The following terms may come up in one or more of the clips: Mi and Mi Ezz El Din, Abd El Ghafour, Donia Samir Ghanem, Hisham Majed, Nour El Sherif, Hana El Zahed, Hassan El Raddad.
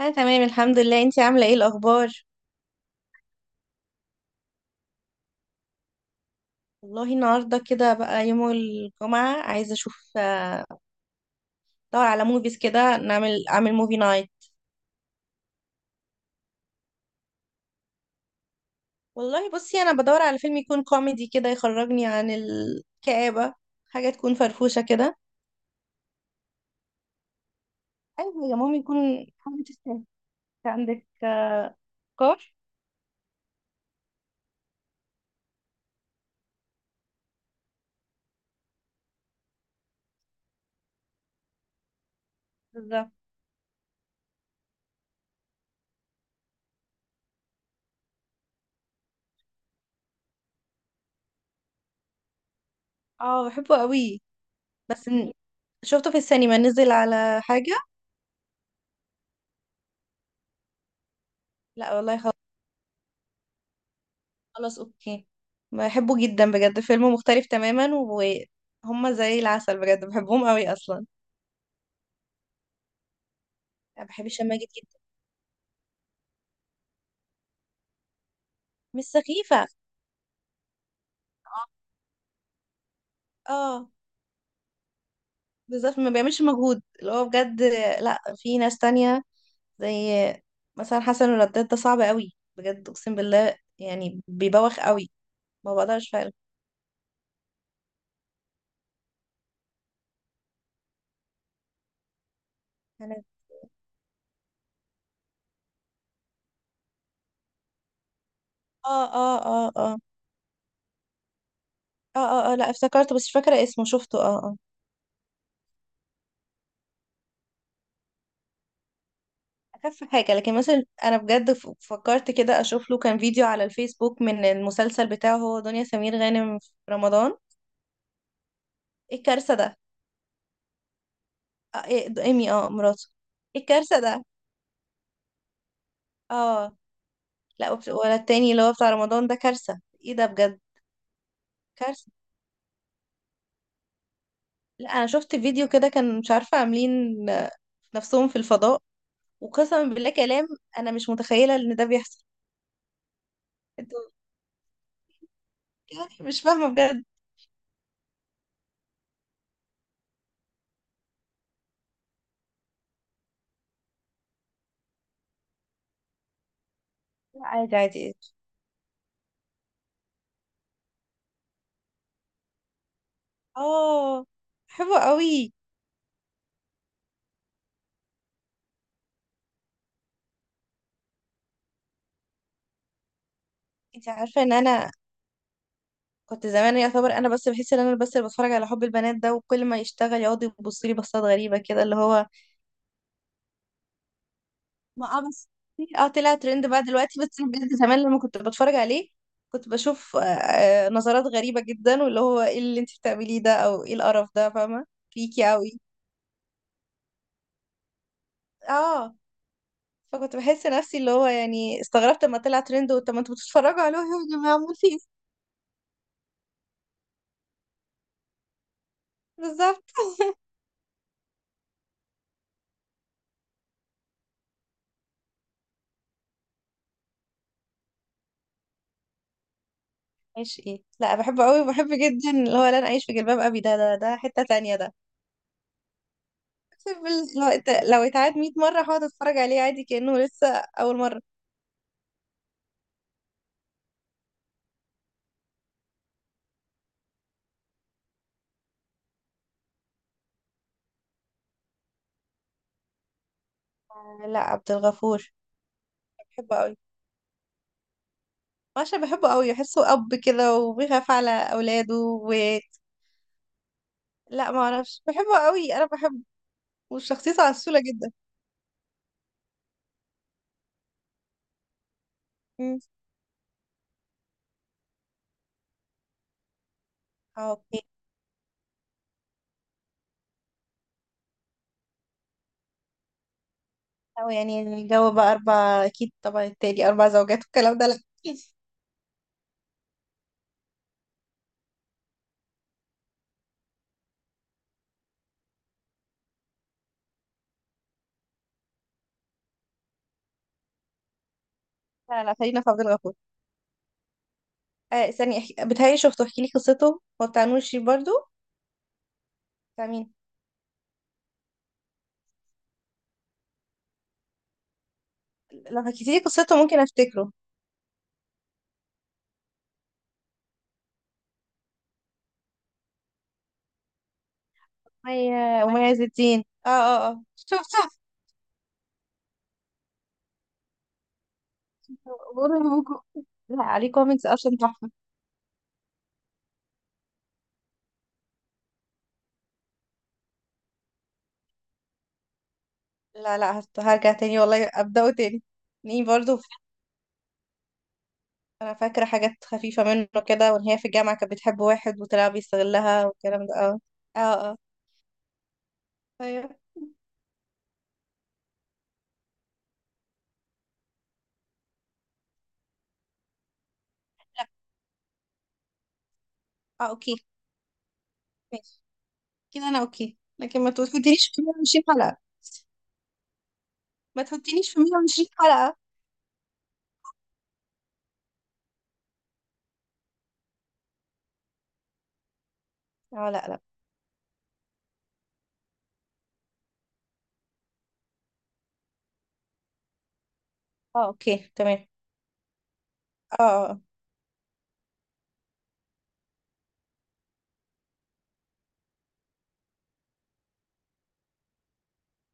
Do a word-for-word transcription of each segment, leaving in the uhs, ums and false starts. انا تمام، الحمد لله. انتي عامله ايه؟ الاخبار؟ والله النهارده كده بقى يوم الجمعه عايزه اشوف، آه، ادور على موفيز كده نعمل اعمل موفي نايت. والله بصي، انا بدور على فيلم يكون كوميدي كده يخرجني عن الكآبه، حاجه تكون فرفوشه كده. اي حاجه، مهم يكون حاجه تستاهل. عندك آه، افكار؟ بالظبط، اه، بحبه قوي. بس ن- شفته في السينما، نزل على حاجه. لا والله، خلاص اوكي. بحبه جدا، بجد فيلم مختلف تماما. وهما زي العسل بجد، بحبهم قوي اصلا. انا بحب هشام ماجد جدا. مش سخيفة. اه. آه. بالظبط، ما بيعملش مجهود اللي هو بجد. لا، في ناس تانية زي مثلا حسن الرداد، ده صعب قوي بجد، اقسم بالله يعني بيبوخ قوي. ما بقدرش فعلا. انا اه اه اه اه اه اه، آه، لا افتكرته بس مش فاكرة اسمه، شفته، اه اه. اخف حاجه، لكن مثلا انا بجد ف- فكرت كده اشوف له، كان فيديو على الفيسبوك من المسلسل بتاعه هو دنيا سمير غانم في رمضان. ايه الكارثه ده! آه، إيه، د- ايمي، اه مراته. ايه الكارثه ده! اه، لا، وبت- ولا التاني اللي هو بتاع رمضان ده، كارثه، ايه ده بجد! كارثه. لا، انا شفت فيديو كده، كان مش عارفه عاملين، آه، نفسهم في الفضاء. وقسما بالله كلام، انا مش متخيله ان ده بيحصل. انتوا، يعني مش فاهمه بجد. لا، عادي عادي. اه، حلوه قوي. انت عارفه ان انا كنت زمان يعتبر انا بس، بحس ان انا بس اللي بتفرج على حب البنات ده، وكل ما يشتغل يقعد يبص لي بصات غريبه كده اللي هو. ما، اه بس، اه طلع ترند بقى دلوقتي. بس أنا بجد زمان لما كنت بتفرج عليه كنت بشوف، آه، آه، نظرات غريبه جدا، واللي هو ايه اللي انت بتعمليه ده، او ايه القرف ده، فاهمه؟ فيكي قوي. اه. فكنت بحس نفسي اللي هو، يعني استغربت لما طلع ترند، طب ما انتوا بتتفرجوا عليه يا جماعه، عمال في ايه؟ بالظبط. عايش ايه؟ لا بحبه قوي، وبحب جدا اللي هو لن اعيش في جلباب ابي، ده ده ده حته تانية ده. بال- لو لو اتعاد 100 مرة هقعد اتفرج عليه عادي كأنه لسه أول مرة. آه، لا، عبد الغفور. بحبه قوي. عشان بحبه قوي، بحسه أب كده، وبيخاف على أولاده و... لا ما اعرفش، بحبه قوي، أنا بحبه. وشخصيته عسولة جدا. مم. آه، اوكي. أو يعني الجو بقى أربع، أكيد طبعا التاني، أربع زوجات والكلام ده، لا. لا لا، خلينا في عبد الغفور. آه، استني أحكي... بتهيألي شفته، احكي لي قصته. هو بتاع نور الشريف برضه؟ بتاع مين؟ لو حكيتي لي قصته ممكن أفتكره. مي ومي عز الدين، اه اه اه، شوف شوف. بقول لكم. لا، عليه كوميكس اصلا تحفة. لا لا، هت- هرجع تاني والله، ابدأه تاني. مين برضو؟ انا فاكرة حاجات خفيفة منه كده، وان هي في الجامعة كانت بتحب واحد وطلع بيستغلها والكلام ده، اه. اه اه، طيب. اه، اوكي ماشي. كده انا اوكي، لكن ما تحطنيش في 120 حلقة. ما تحطنيش في 120 حلقة. اه، لا لا. اه، اوكي تمام. اه اه. آه.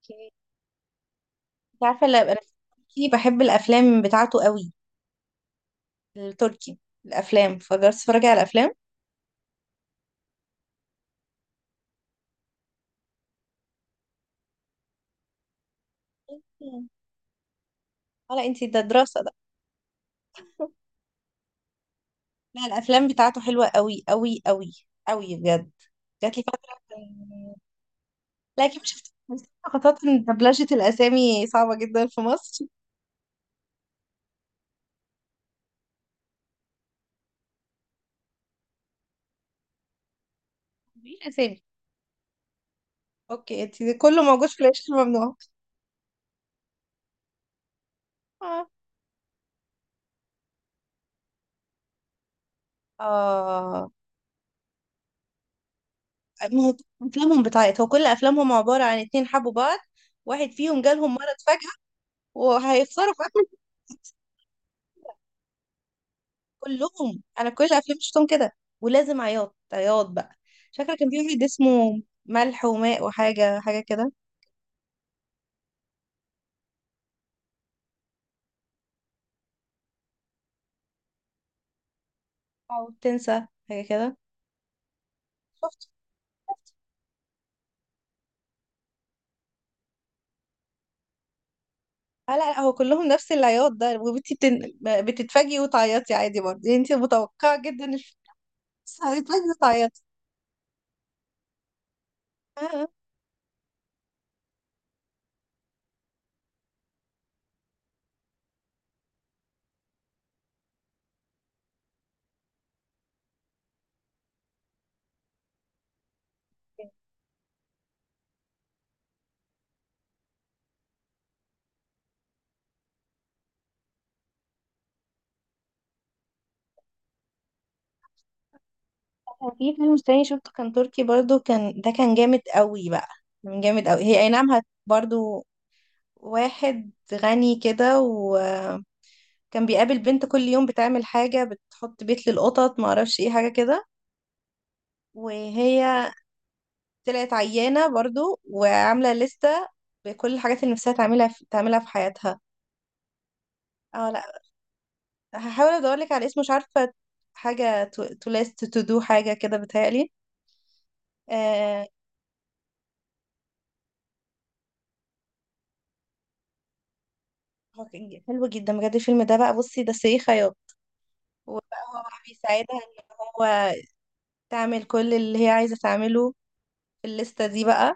اوكي، انت عارفة اللي انا في- بحب الافلام بتاعته قوي. التركي، الافلام، فجربت تتفرجي على الافلام؟ مم. ولا انتي ده دراسة ده؟ لا، الافلام بتاعته حلوة قوي قوي قوي، قوي بجد. جات لي فترة كان- لا اكيد مش شفت، خاصة ان دبلجة الاسامي صعبة جدا في مصر. مين الاسامي؟ اوكي، انتي كله موجود في العيش الممنوع. اه. آه. ما هو افلامهم بتاعت هو، كل افلامهم عبارة عن اتنين حبوا بعض، واحد فيهم جالهم مرض فجأة، وهيخسروا في... كلهم، انا كل الافلام شفتهم كده، ولازم عياط عياط بقى. شكله كان في واحد اسمه ملح وماء، وحاجه حاجه كده. او تنسى حاجه كده. شفت. شفت. آه، لا لا، هو كلهم نفس العياط ده. وبنتي بتن... بتتفاجئي وتعيطي عادي برضه، يعني انت متوقعه جدا الف- بس هتتفاجئي وتعيطي. آه. في فيلم تاني شفته كان تركي برضه، كان ده كان جامد قوي بقى، كان جامد قوي. هي اي نعم هت- برضه. واحد غني كده كان بيقابل بنت كل يوم بتعمل حاجة، بتحط بيت للقطط معرفش ايه، حاجة كده. وهي طلعت عيانة برضو، وعاملة لستة بكل الحاجات اللي نفسها تعملها، في تعملها في حياتها. اه، لا، هحاول ادورلك على اسمه، مش عارفة حاجة، تو ليست تو دو حاجة كده بتهيألي. آه، هو كان ج- حلو جدا بجد الفيلم ده بقى، بصي ده سي خياط. وبقى هو بقى بيساعدها ان هو تعمل كل اللي هي عايزة تعمله في الليستة دي بقى.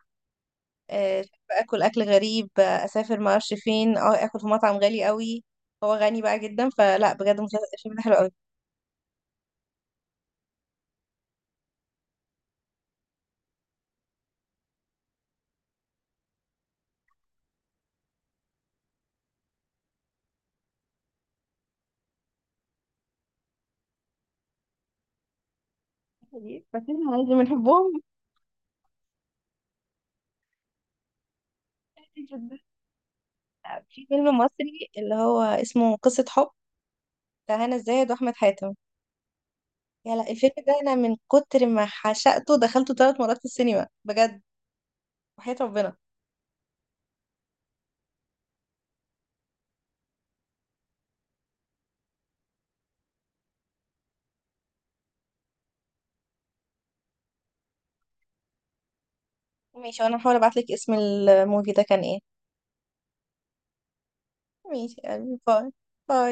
آه، اكل، اكل غريب، آه، اسافر ما اعرفش فين، اه، اكل في مطعم غالي قوي، هو غني بقى جدا. فلا بجد مسلسل، الفيلم ده حلو قوي. بس احنا عايزين، بنحبهم جدا. في فيلم مصري اللي هو اسمه قصة حب، بتاع هنا الزاهد واحمد حاتم. يا لا الفيلم ده، انا من كتر ما عشقته دخلته ثلاث مرات في السينما بجد، وحياة ربنا. ماشي، وانا هحاول ابعت لك اسم الموفي ده كان ايه. ماشي يا قلبي، باي. باي.